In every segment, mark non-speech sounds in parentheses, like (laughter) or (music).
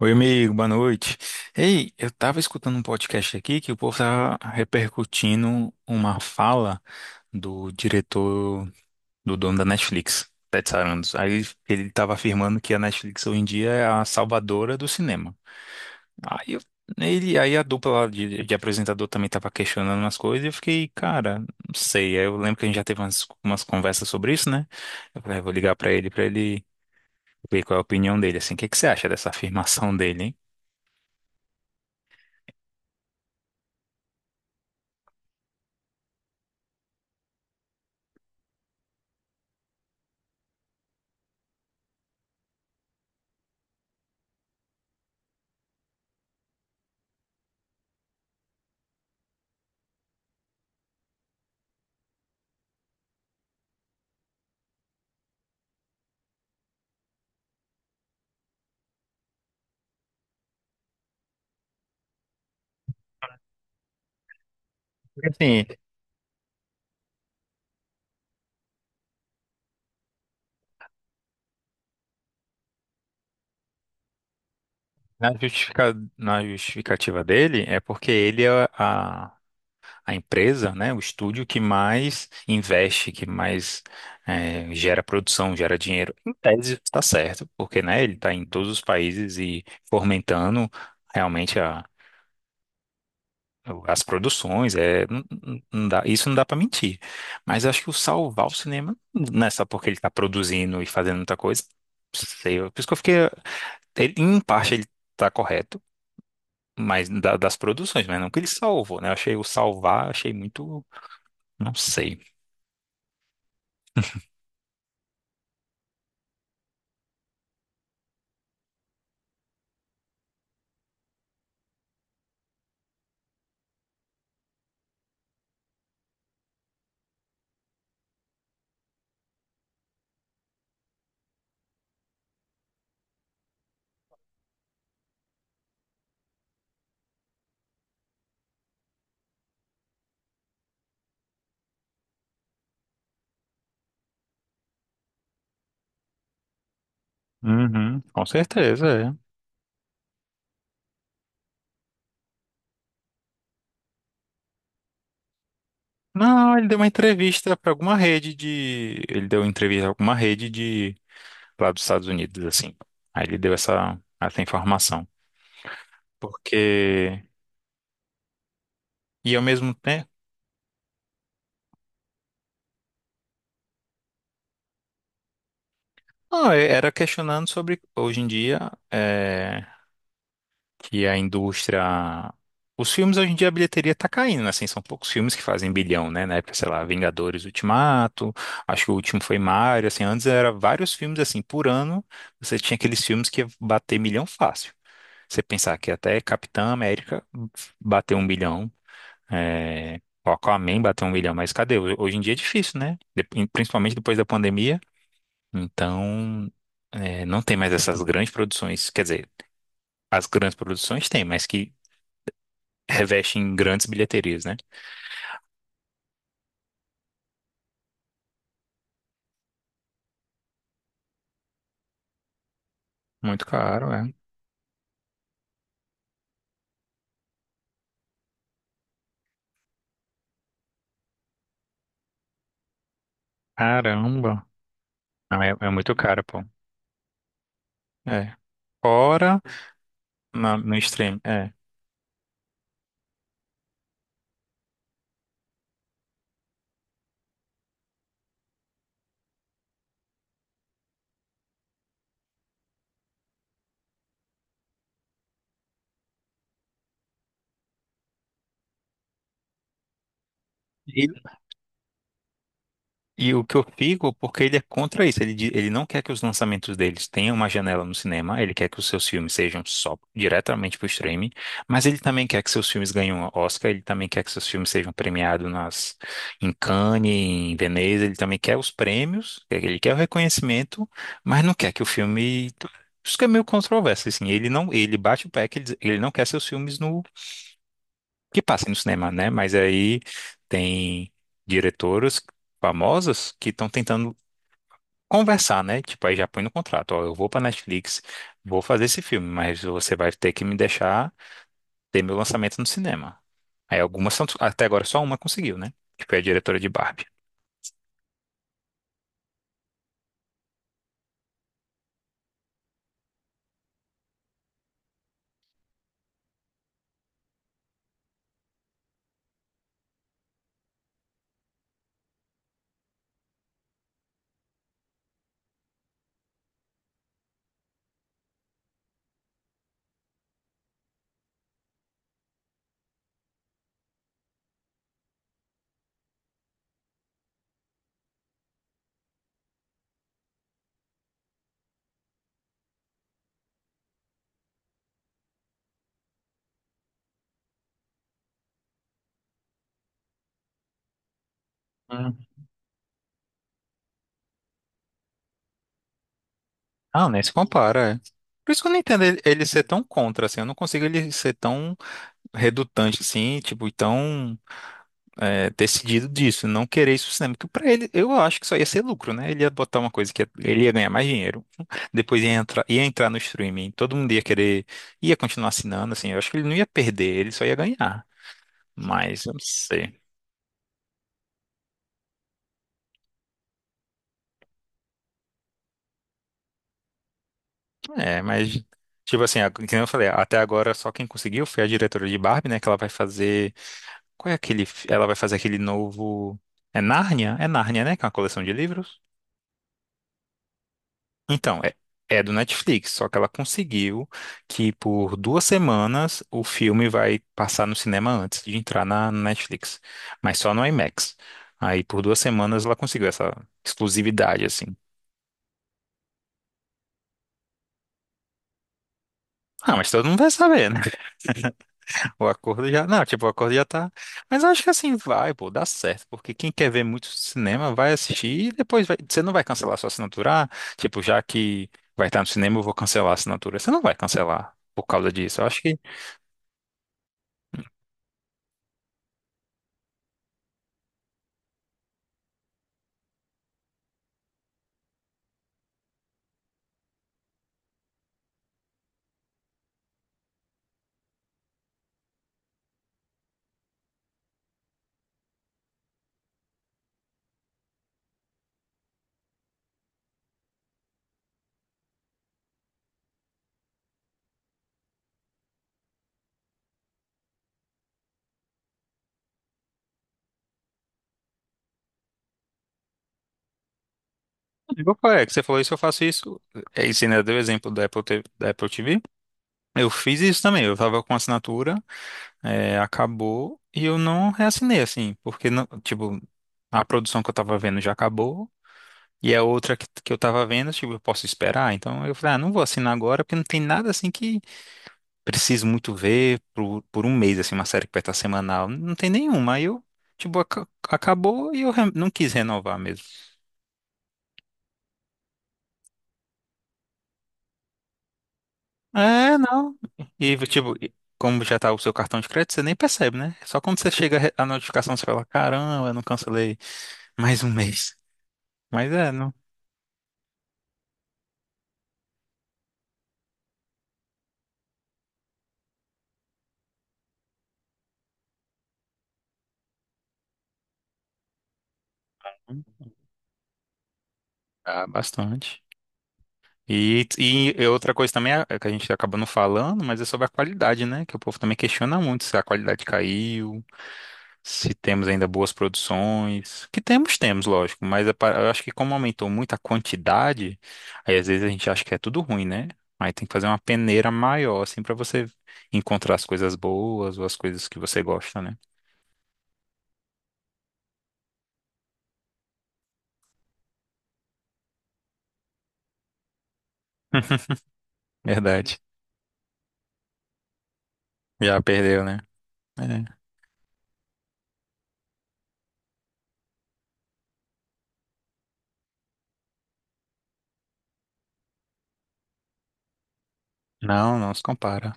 Oi, amigo, boa noite. Ei, eu tava escutando um podcast aqui que o povo tava repercutindo uma fala do diretor, do dono da Netflix, Ted Sarandos. Aí ele tava afirmando que a Netflix hoje em dia é a salvadora do cinema. Aí eu, aí a dupla lá de apresentador também tava questionando umas coisas e eu fiquei, cara, não sei. Aí eu lembro que a gente já teve umas conversas sobre isso, né? Eu falei, "Ah, eu vou ligar pra ele ver qual é a opinião dele, assim. O que que você acha dessa afirmação dele, hein? Porque, assim, na justificativa dele é porque ele é a empresa, né, o estúdio que mais investe, que mais gera produção, gera dinheiro. Em tese está certo, porque né, ele está em todos os países e fomentando realmente as produções. É, não isso não dá para mentir. Mas acho que o salvar o cinema não é só porque ele está produzindo e fazendo muita coisa. Não sei, por isso que eu fiquei. Em parte ele tá correto, mas das produções, mas não que ele salvou, né? Eu achei o salvar, achei muito, não sei. Uhum, com certeza, é. Não, ele deu uma entrevista pra alguma rede de, ele deu entrevista a alguma rede de lá dos Estados Unidos, assim. Aí ele deu essa informação, porque e ao mesmo tempo, não, era questionando sobre hoje em dia é, que a indústria. Os filmes hoje em dia a bilheteria tá caindo, né? Assim, são poucos filmes que fazem bilhão, né? Na época, sei lá, Vingadores Ultimato, acho que o último foi Mario, assim, antes era vários filmes assim, por ano, você tinha aqueles filmes que ia bater milhão fácil. Você pensar que até Capitã América bateu um bilhão, é... o Aquaman bateu um bilhão, mas cadê? Hoje em dia é difícil, né? Principalmente depois da pandemia. Então, é, não tem mais essas grandes produções, quer dizer, as grandes produções tem, mas que reveste em grandes bilheterias, né? Muito caro, é. Caramba. Não, é, é muito caro, pô. É. Fora no stream, é. E E o que eu fico, porque ele é contra isso, ele não quer que os lançamentos deles tenham uma janela no cinema, ele quer que os seus filmes sejam só diretamente para o streaming, mas ele também quer que seus filmes ganhem um Oscar, ele também quer que seus filmes sejam premiados nas, em Cannes, em Veneza, ele também quer os prêmios, ele quer o reconhecimento, mas não quer que o filme... Isso que é meio controverso, assim, ele não, ele bate o pé que ele, ele não quer seus filmes no, que passem no cinema, né? Mas aí tem diretoras famosas que estão tentando conversar, né? Tipo, aí já põe no contrato, ó, eu vou pra Netflix, vou fazer esse filme, mas você vai ter que me deixar ter meu lançamento no cinema. Aí algumas são, até agora só uma conseguiu, né? Que foi a diretora de Barbie. Hum. Ah, nem se compara, é. Por isso que eu não entendo ele ser tão contra, assim, eu não consigo ele ser tão redutante, assim, tipo, tão decidido disso, não querer isso pro cinema, porque pra ele, eu acho que só ia ser lucro, né? Ele ia botar uma coisa que ele ia ganhar mais dinheiro, (laughs) depois ia entrar no streaming, todo mundo ia querer, ia continuar assinando, assim, eu acho que ele não ia perder, ele só ia ganhar, mas eu não sei. É, mas, tipo assim, que nem eu falei, até agora só quem conseguiu foi a diretora de Barbie, né, que ela vai fazer, qual é aquele, ela vai fazer aquele novo, é Nárnia? É Nárnia, né, que é uma coleção de livros? Então, é, é do Netflix, só que ela conseguiu que por duas semanas o filme vai passar no cinema antes de entrar na Netflix, mas só no IMAX. Aí por duas semanas ela conseguiu essa exclusividade, assim. Ah, mas todo mundo vai saber, né? (laughs) O acordo já. Não, tipo, o acordo já tá. Mas eu acho que assim vai, pô, dá certo. Porque quem quer ver muito cinema vai assistir e depois vai... você não vai cancelar sua assinatura. Ah, tipo, já que vai estar no cinema, eu vou cancelar a assinatura. Você não vai cancelar por causa disso. Eu acho que eu, falei, é, que você falou isso, eu faço isso. É, e você ainda deu o exemplo da Apple, T- V da Apple TV. Eu fiz isso também. Eu tava com assinatura, é, acabou e eu não reassinei, assim, porque, não, tipo, a produção que eu tava vendo já acabou e a outra que eu tava vendo, tipo, eu posso esperar. Então eu falei, ah, não vou assinar agora porque não tem nada, assim, que preciso muito ver por um mês, assim, uma série que vai estar semanal. Não tem nenhuma. Aí eu, tipo, acabou e eu não quis renovar mesmo. É, não. E, tipo, e como já tá o seu cartão de crédito, você nem percebe, né? Só quando você chega a notificação, você fala, caramba, eu não cancelei mais um mês. Mas é, não. Ah, bastante. E outra coisa também é que a gente acaba não falando, mas é sobre a qualidade, né? Que o povo também questiona muito se a qualidade caiu. Se temos ainda boas produções. Que temos, temos, lógico, mas é eu acho que como aumentou muito a quantidade, aí às vezes a gente acha que é tudo ruim, né? Aí tem que fazer uma peneira maior, assim, pra você encontrar as coisas boas ou as coisas que você gosta, né? (laughs) Verdade. Já perdeu, né? É. Não, não se compara.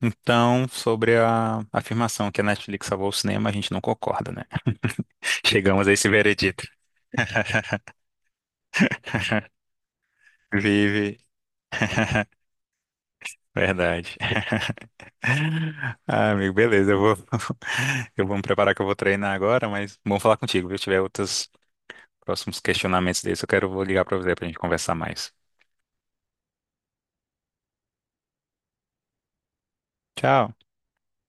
Então, sobre a afirmação que a Netflix salvou o cinema, a gente não concorda, né? (laughs) Chegamos a esse veredito. (laughs) Vive. (laughs) Verdade. Ah, amigo, beleza. Eu vou, (laughs) eu vou me preparar que eu vou treinar agora, mas bom falar contigo, viu? Se tiver outros próximos questionamentos desses, eu quero, vou ligar pra você pra gente conversar mais. Tchau.